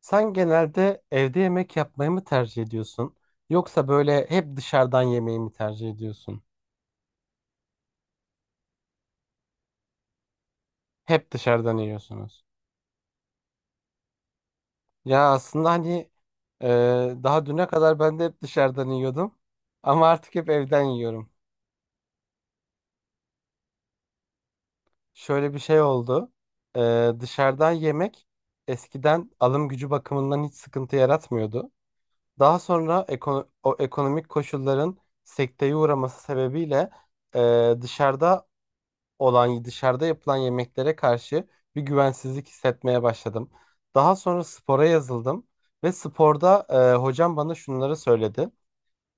Sen genelde evde yemek yapmayı mı tercih ediyorsun? Yoksa böyle hep dışarıdan yemeği mi tercih ediyorsun? Hep dışarıdan yiyorsunuz. Ya aslında hani e, daha düne kadar ben de hep dışarıdan yiyordum. Ama artık hep evden yiyorum. Şöyle bir şey oldu. Dışarıdan yemek eskiden alım gücü bakımından hiç sıkıntı yaratmıyordu. Daha sonra o ekonomik koşulların sekteye uğraması sebebiyle dışarıda olan dışarıda yapılan yemeklere karşı bir güvensizlik hissetmeye başladım. Daha sonra spora yazıldım ve sporda hocam bana şunları söyledi.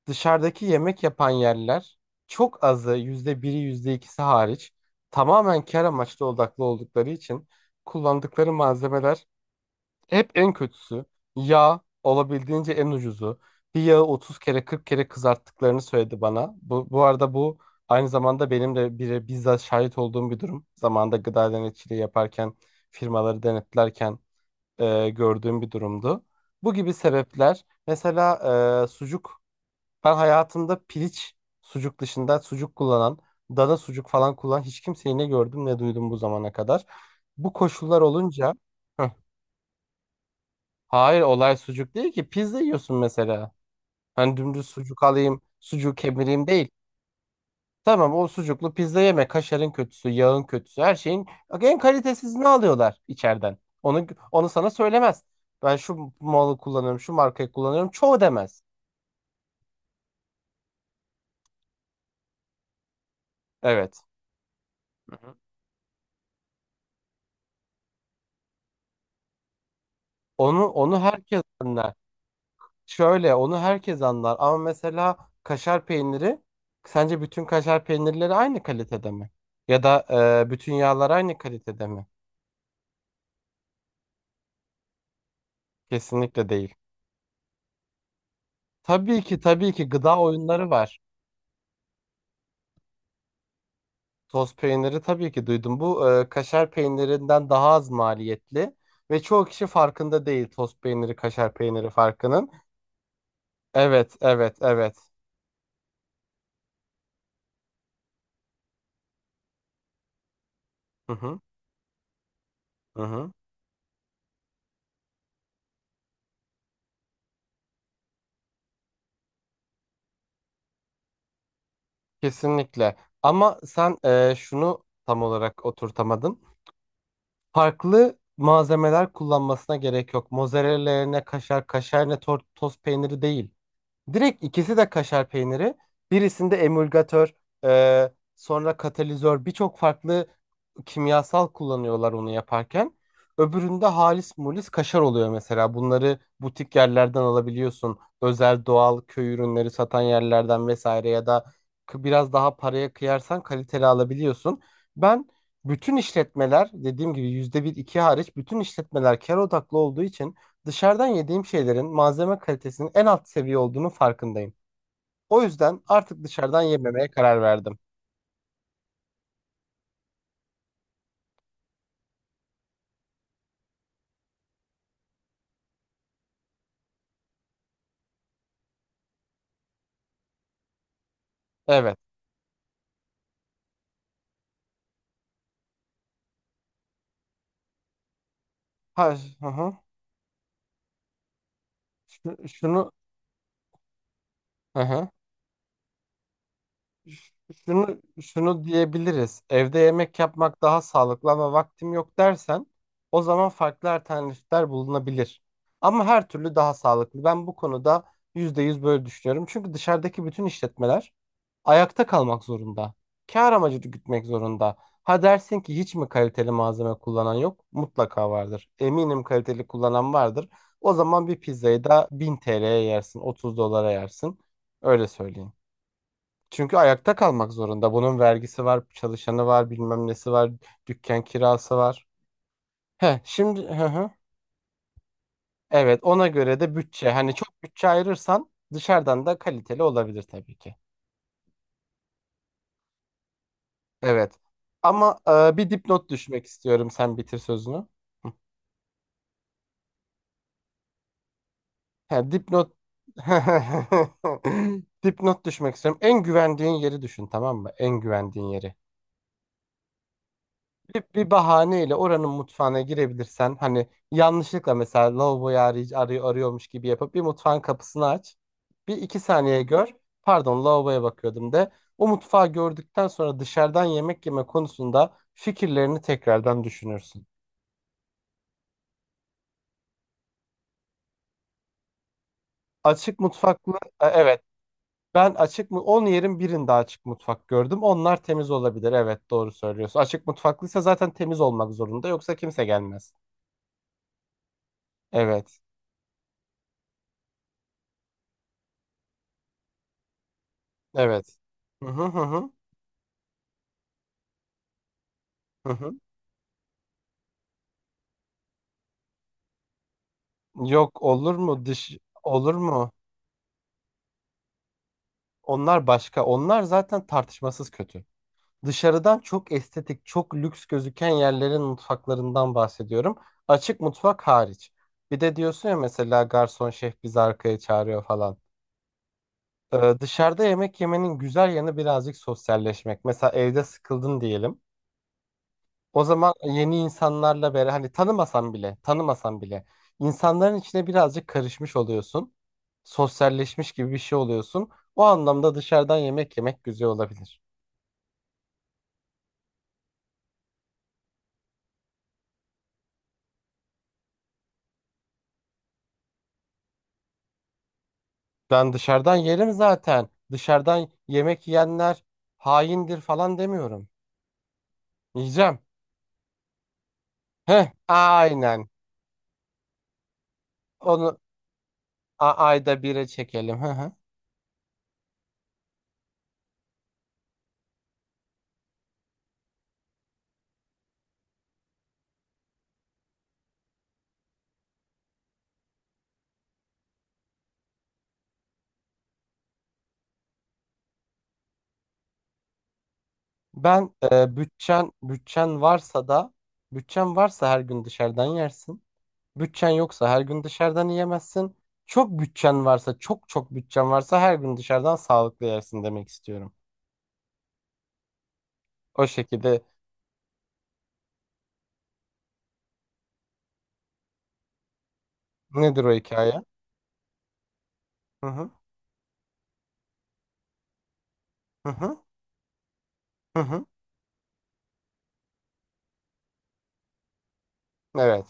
Dışarıdaki yemek yapan yerler, çok azı, %1'i yüzde ikisi hariç, tamamen kar amaçlı odaklı oldukları için kullandıkları malzemeler hep en kötüsü. Yağ olabildiğince en ucuzu. Bir yağı 30 kere 40 kere kızarttıklarını söyledi bana. Bu arada bu aynı zamanda benim de bire bizzat şahit olduğum bir durum. Zamanında gıda denetçiliği yaparken, firmaları denetlerken gördüğüm bir durumdu. Bu gibi sebepler mesela. Sucuk, ben hayatımda piliç sucuk dışında sucuk kullanan, dana sucuk falan kullanan hiç kimseyi ne gördüm ne duydum bu zamana kadar. Bu koşullar olunca. Hayır, olay sucuk değil ki. Pizza yiyorsun mesela. Hani dümdüz sucuk alayım, sucuğu kemireyim değil. Tamam, o sucuklu pizza yeme. Kaşarın kötüsü, yağın kötüsü, her şeyin en kalitesizini alıyorlar içeriden. Onu sana söylemez. Ben şu malı kullanıyorum, şu markayı kullanıyorum. Çoğu demez. Evet. Hı hı. Onu herkes anlar. Şöyle, onu herkes anlar ama mesela kaşar peyniri, sence bütün kaşar peynirleri aynı kalitede mi? Ya da bütün yağlar aynı kalitede mi? Kesinlikle değil. Tabii ki tabii ki gıda oyunları var. Toz peyniri tabii ki duydum. Bu kaşar peynirinden daha az maliyetli ve çoğu kişi farkında değil toz peyniri kaşar peyniri farkının. Evet evet evet. Hı hı, hı hı. Kesinlikle. Ama sen şunu tam olarak oturtamadın. Farklı malzemeler kullanmasına gerek yok. Mozzarella yerine kaşar, kaşar yerine toz peyniri değil. Direkt ikisi de kaşar peyniri. Birisinde emulgatör, sonra katalizör, birçok farklı kimyasal kullanıyorlar onu yaparken. Öbüründe halis mulis kaşar oluyor mesela. Bunları butik yerlerden alabiliyorsun. Özel doğal köy ürünleri satan yerlerden vesaire, ya da biraz daha paraya kıyarsan kaliteli alabiliyorsun. Ben, bütün işletmeler dediğim gibi yüzde bir iki hariç bütün işletmeler kar odaklı olduğu için, dışarıdan yediğim şeylerin malzeme kalitesinin en alt seviye olduğunu farkındayım. O yüzden artık dışarıdan yememeye karar verdim. Evet. Ha, hı hı. Şunu hı hı. Şunu diyebiliriz. Evde yemek yapmak daha sağlıklı ama vaktim yok dersen, o zaman farklı alternatifler bulunabilir. Ama her türlü daha sağlıklı. Ben bu konuda %100 böyle düşünüyorum. Çünkü dışarıdaki bütün işletmeler ayakta kalmak zorunda. Kâr amacı gütmek zorunda. Ha dersin ki hiç mi kaliteli malzeme kullanan yok? Mutlaka vardır. Eminim kaliteli kullanan vardır. O zaman bir pizzayı da 1000 TL'ye yersin, 30 dolara yersin. Öyle söyleyeyim. Çünkü ayakta kalmak zorunda. Bunun vergisi var, çalışanı var, bilmem nesi var, dükkan kirası var. He, şimdi, hı hı. Evet, ona göre de bütçe. Hani çok bütçe ayırırsan dışarıdan da kaliteli olabilir tabii ki. Evet. Ama bir dipnot düşmek istiyorum. Sen bitir sözünü. He, dipnot. Dipnot düşmek istiyorum. En güvendiğin yeri düşün, tamam mı? En güvendiğin yeri. Bir, bir bahaneyle oranın mutfağına girebilirsen, hani yanlışlıkla mesela lavaboyu arıyor, arıyor, arıyormuş gibi yapıp bir mutfağın kapısını aç. Bir iki saniye gör. Pardon, lavaboya bakıyordum de. O mutfağı gördükten sonra dışarıdan yemek yeme konusunda fikirlerini tekrardan düşünürsün. Açık mutfaklı. Evet, ben açık mı 10 yerin birinde açık mutfak gördüm. Onlar temiz olabilir. Evet, doğru söylüyorsun. Açık mutfaklıysa zaten temiz olmak zorunda, yoksa kimse gelmez. Evet. Evet. Hı hı hı hı. Hı hı. Yok, olur mu, dış olur mu? Onlar başka. Onlar zaten tartışmasız kötü. Dışarıdan çok estetik, çok lüks gözüken yerlerin mutfaklarından bahsediyorum. Açık mutfak hariç. Bir de diyorsun ya mesela garson şef bizi arkaya çağırıyor falan. Dışarıda yemek yemenin güzel yanı birazcık sosyalleşmek. Mesela evde sıkıldın diyelim. O zaman yeni insanlarla beraber, hani tanımasan bile tanımasan bile, insanların içine birazcık karışmış oluyorsun. Sosyalleşmiş gibi bir şey oluyorsun. O anlamda dışarıdan yemek yemek güzel olabilir. Ben dışarıdan yerim zaten. Dışarıdan yemek yiyenler haindir falan demiyorum. Yiyeceğim. Heh, aynen. Onu ayda bire çekelim. Hı hı. Ben e, bütçen bütçen varsa da Bütçen varsa her gün dışarıdan yersin. Bütçen yoksa her gün dışarıdan yiyemezsin. Çok bütçen varsa, çok çok bütçen varsa her gün dışarıdan sağlıklı yersin demek istiyorum. O şekilde. Nedir o hikaye? Hı hı. Hı hı. Hı hı. Evet.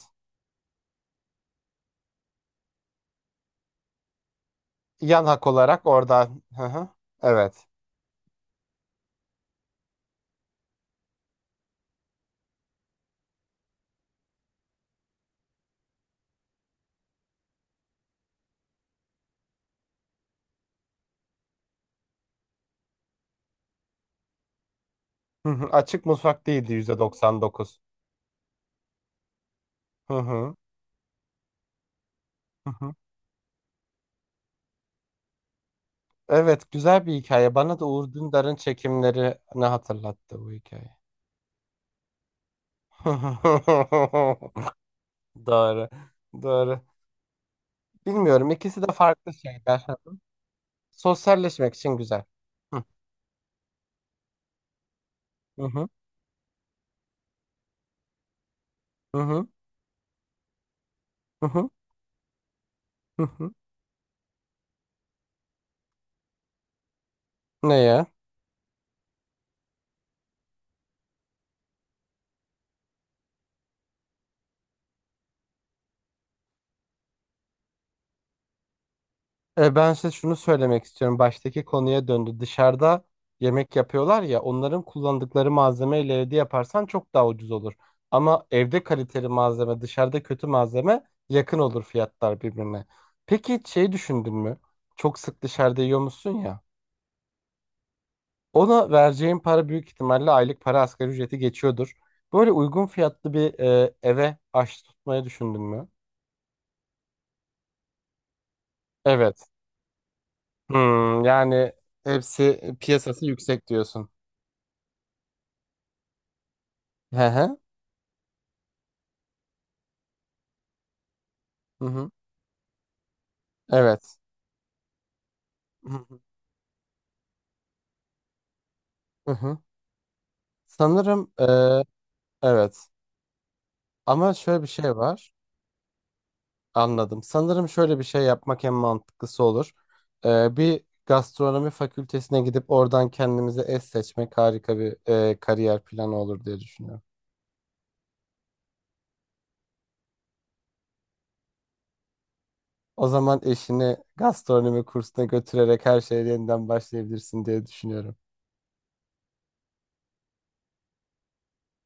Yan hak olarak orada. Hı hı. Evet. Hı hı. Açık mutfak değildi %99. Hı hı. Hı hı. Evet, güzel bir hikaye. Bana da Uğur Dündar'ın çekimlerini hatırlattı bu hikaye. Doğru. Doğru. Bilmiyorum. İkisi de farklı şeyler. Sosyalleşmek için güzel. Hı hı hı hı hı hı. Hı. Ne ya? Ben size şunu söylemek istiyorum. Baştaki konuya döndü. Dışarıda yemek yapıyorlar ya, onların kullandıkları malzemeyle evde yaparsan çok daha ucuz olur. Ama evde kaliteli malzeme, dışarıda kötü malzeme, yakın olur fiyatlar birbirine. Peki hiç şey düşündün mü? Çok sık dışarıda yiyor ya? Ona vereceğin para büyük ihtimalle aylık para, asgari ücreti geçiyordur. Böyle uygun fiyatlı bir eve aç tutmayı düşündün mü? Evet. Hmm, yani hepsi piyasası yüksek diyorsun. Hı hı. Hı hı. Evet. Hı hı. Hı hı. Sanırım, evet. Ama şöyle bir şey var. Anladım. Sanırım şöyle bir şey yapmak en mantıklısı olur. Bir gastronomi fakültesine gidip oradan kendimize eş seçmek harika bir kariyer planı olur diye düşünüyorum. O zaman eşini gastronomi kursuna götürerek her şeye yeniden başlayabilirsin diye düşünüyorum.